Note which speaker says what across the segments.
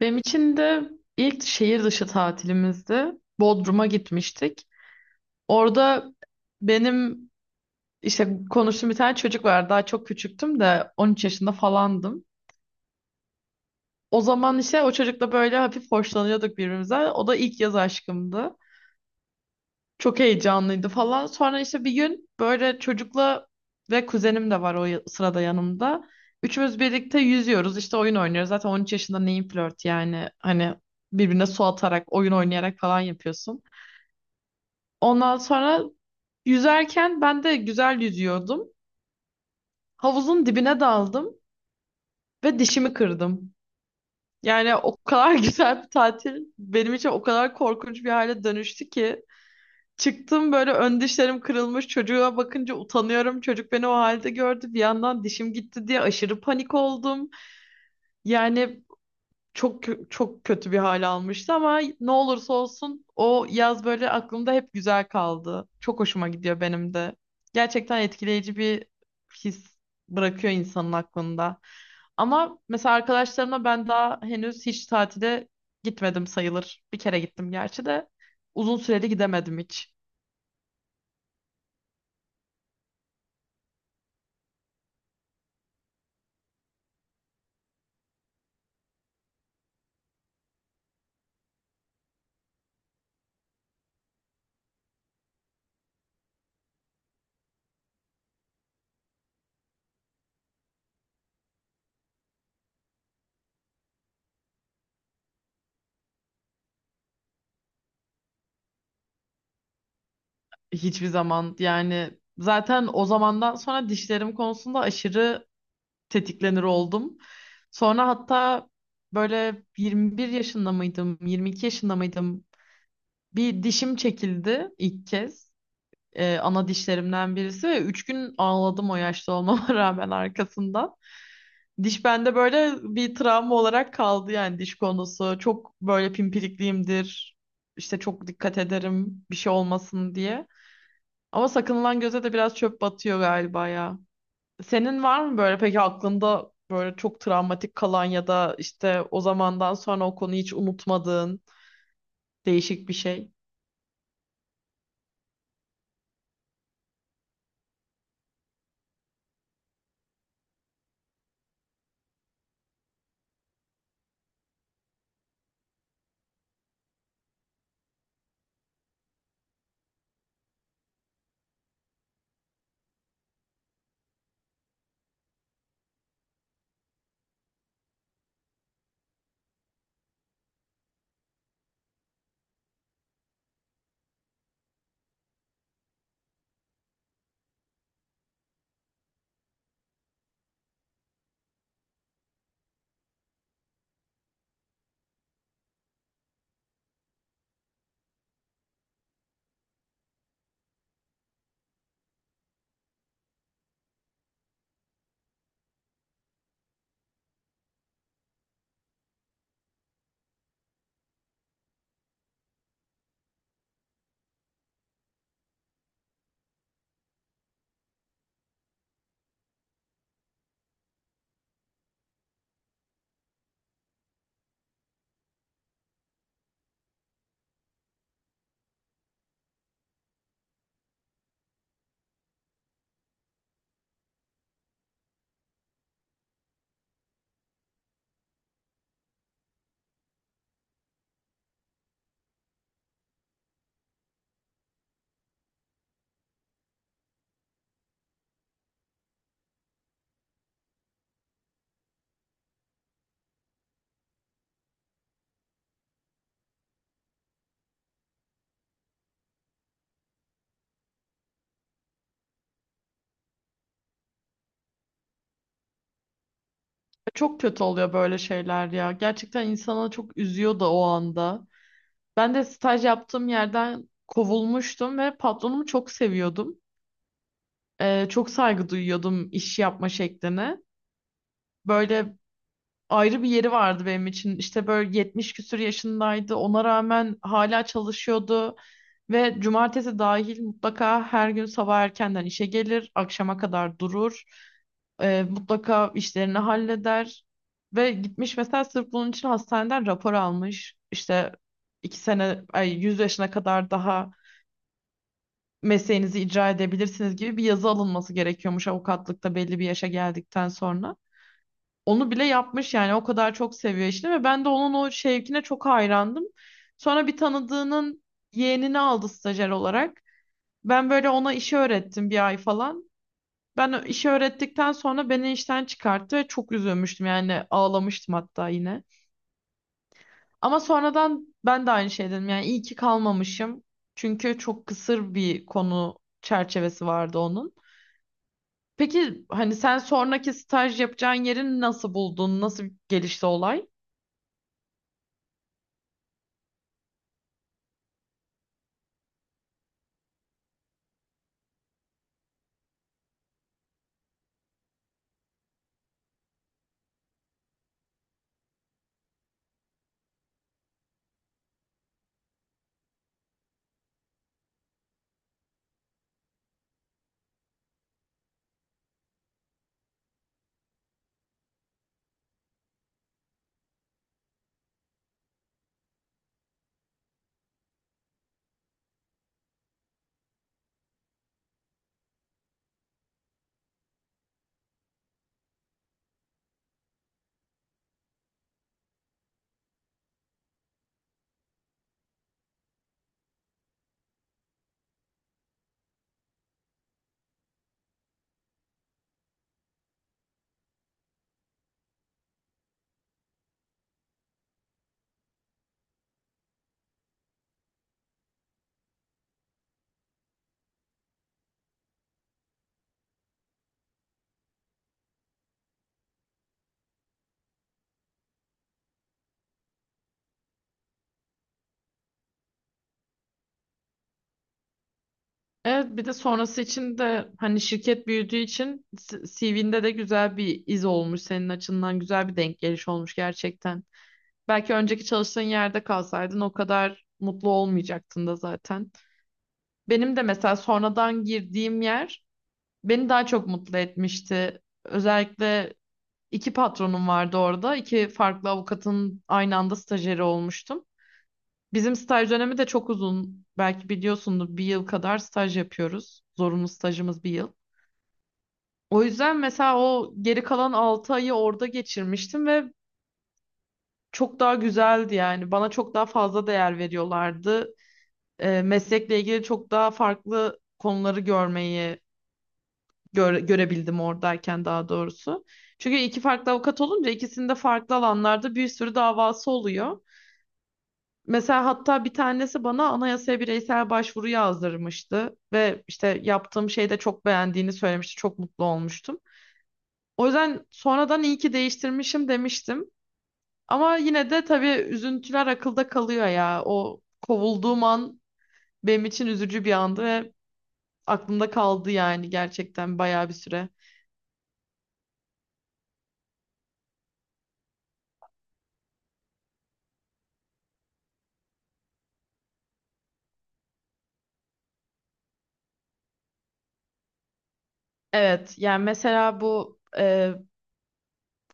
Speaker 1: Benim için de ilk şehir dışı tatilimizdi. Bodrum'a gitmiştik. Orada benim işte konuştuğum bir tane çocuk var. Daha çok küçüktüm de 13 yaşında falandım. O zaman işte o çocukla böyle hafif hoşlanıyorduk birbirimizden. O da ilk yaz aşkımdı. Çok heyecanlıydı falan. Sonra işte bir gün böyle çocukla ve kuzenim de var sırada yanımda. Üçümüz birlikte yüzüyoruz işte oyun oynuyoruz. Zaten 13 yaşında neyin flört, yani hani birbirine su atarak, oyun oynayarak falan yapıyorsun. Ondan sonra yüzerken ben de güzel yüzüyordum. Havuzun dibine daldım ve dişimi kırdım. Yani o kadar güzel bir tatil benim için o kadar korkunç bir hale dönüştü ki. Çıktım, böyle ön dişlerim kırılmış, çocuğa bakınca utanıyorum. Çocuk beni o halde gördü. Bir yandan dişim gitti diye aşırı panik oldum. Yani çok kötü bir hal almıştı ama ne olursa olsun o yaz böyle aklımda hep güzel kaldı. Çok hoşuma gidiyor benim de. Gerçekten etkileyici bir his bırakıyor insanın aklında. Ama mesela arkadaşlarımla ben daha henüz hiç tatile gitmedim sayılır. Bir kere gittim gerçi de uzun süreli gidemedim hiç. Hiçbir zaman, yani zaten o zamandan sonra dişlerim konusunda aşırı tetiklenir oldum. Sonra hatta böyle 21 yaşında mıydım, 22 yaşında mıydım? Bir dişim çekildi ilk kez. Ana dişlerimden birisi ve 3 gün ağladım o yaşta olmama rağmen arkasından. Diş bende böyle bir travma olarak kaldı, yani diş konusu. Çok böyle pimpirikliyimdir. İşte çok dikkat ederim bir şey olmasın diye. Ama sakınılan göze de biraz çöp batıyor galiba ya. Senin var mı böyle peki aklında böyle çok travmatik kalan ya da işte o zamandan sonra o konuyu hiç unutmadığın değişik bir şey? Çok kötü oluyor böyle şeyler ya. Gerçekten insana çok üzüyor da o anda. Ben de staj yaptığım yerden kovulmuştum ve patronumu çok seviyordum. Çok saygı duyuyordum iş yapma şekline. Böyle ayrı bir yeri vardı benim için. İşte böyle 70 küsur yaşındaydı. Ona rağmen hala çalışıyordu. Ve cumartesi dahil mutlaka her gün sabah erkenden işe gelir, akşama kadar durur. Mutlaka işlerini halleder. Ve gitmiş mesela sırf bunun için hastaneden rapor almış. İşte iki sene, ay, 100 yaşına kadar daha mesleğinizi icra edebilirsiniz gibi bir yazı alınması gerekiyormuş avukatlıkta belli bir yaşa geldikten sonra. Onu bile yapmış yani o kadar çok seviyor işini ve ben de onun o şevkine çok hayrandım. Sonra bir tanıdığının yeğenini aldı stajyer olarak. Ben böyle ona işi öğrettim bir ay falan. Ben işi öğrettikten sonra beni işten çıkarttı ve çok üzülmüştüm, yani ağlamıştım hatta yine. Ama sonradan ben de aynı şey dedim, yani iyi ki kalmamışım. Çünkü çok kısır bir konu çerçevesi vardı onun. Peki hani sen sonraki staj yapacağın yeri nasıl buldun? Nasıl gelişti olay? Evet, bir de sonrası için de hani şirket büyüdüğü için CV'nde de güzel bir iz olmuş, senin açından güzel bir denk geliş olmuş gerçekten. Belki önceki çalıştığın yerde kalsaydın o kadar mutlu olmayacaktın da zaten. Benim de mesela sonradan girdiğim yer beni daha çok mutlu etmişti. Özellikle iki patronum vardı orada. İki farklı avukatın aynı anda stajyeri olmuştum. Bizim staj dönemi de çok uzun. Belki biliyorsundur, bir yıl kadar staj yapıyoruz. Zorunlu stajımız bir yıl. O yüzden mesela o geri kalan 6 ayı orada geçirmiştim ve çok daha güzeldi yani. Bana çok daha fazla değer veriyorlardı. Meslekle ilgili çok daha farklı konuları görmeyi görebildim oradayken, daha doğrusu. Çünkü iki farklı avukat olunca ikisinin de farklı alanlarda bir sürü davası oluyor. Mesela hatta bir tanesi bana anayasaya bireysel başvuru yazdırmıştı ve işte yaptığım şeyi de çok beğendiğini söylemişti. Çok mutlu olmuştum. O yüzden sonradan iyi ki değiştirmişim demiştim. Ama yine de tabii üzüntüler akılda kalıyor ya. O kovulduğum an benim için üzücü bir andı ve aklımda kaldı yani gerçekten bayağı bir süre. Evet, yani mesela bu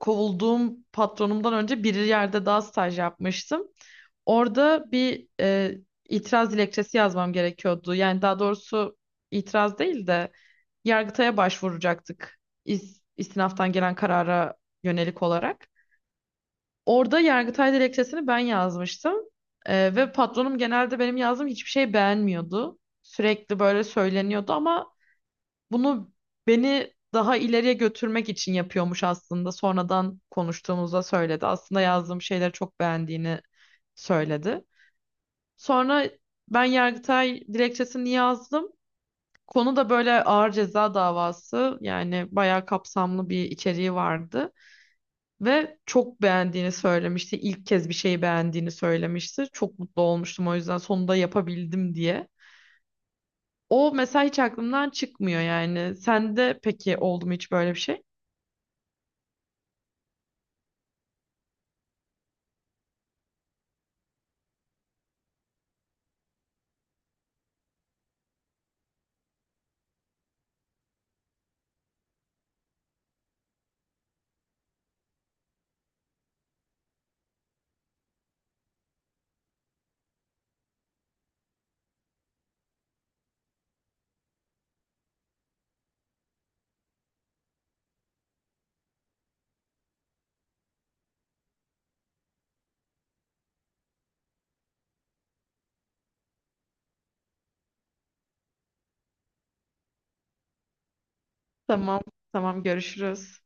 Speaker 1: kovulduğum patronumdan önce bir yerde daha staj yapmıştım. Orada bir itiraz dilekçesi yazmam gerekiyordu. Yani daha doğrusu itiraz değil de Yargıtay'a başvuracaktık, istinaftan gelen karara yönelik olarak. Orada Yargıtay dilekçesini ben yazmıştım. Ve patronum genelde benim yazdığım hiçbir şey beğenmiyordu. Sürekli böyle söyleniyordu ama bunu beni daha ileriye götürmek için yapıyormuş aslında. Sonradan konuştuğumuzda söyledi. Aslında yazdığım şeyleri çok beğendiğini söyledi. Sonra ben Yargıtay dilekçesini yazdım. Konu da böyle ağır ceza davası, yani bayağı kapsamlı bir içeriği vardı ve çok beğendiğini söylemişti. İlk kez bir şeyi beğendiğini söylemişti. Çok mutlu olmuştum o yüzden, sonunda yapabildim diye. O mesela hiç aklımdan çıkmıyor yani. Sende peki oldu mu hiç böyle bir şey? Tamam, tamam, görüşürüz.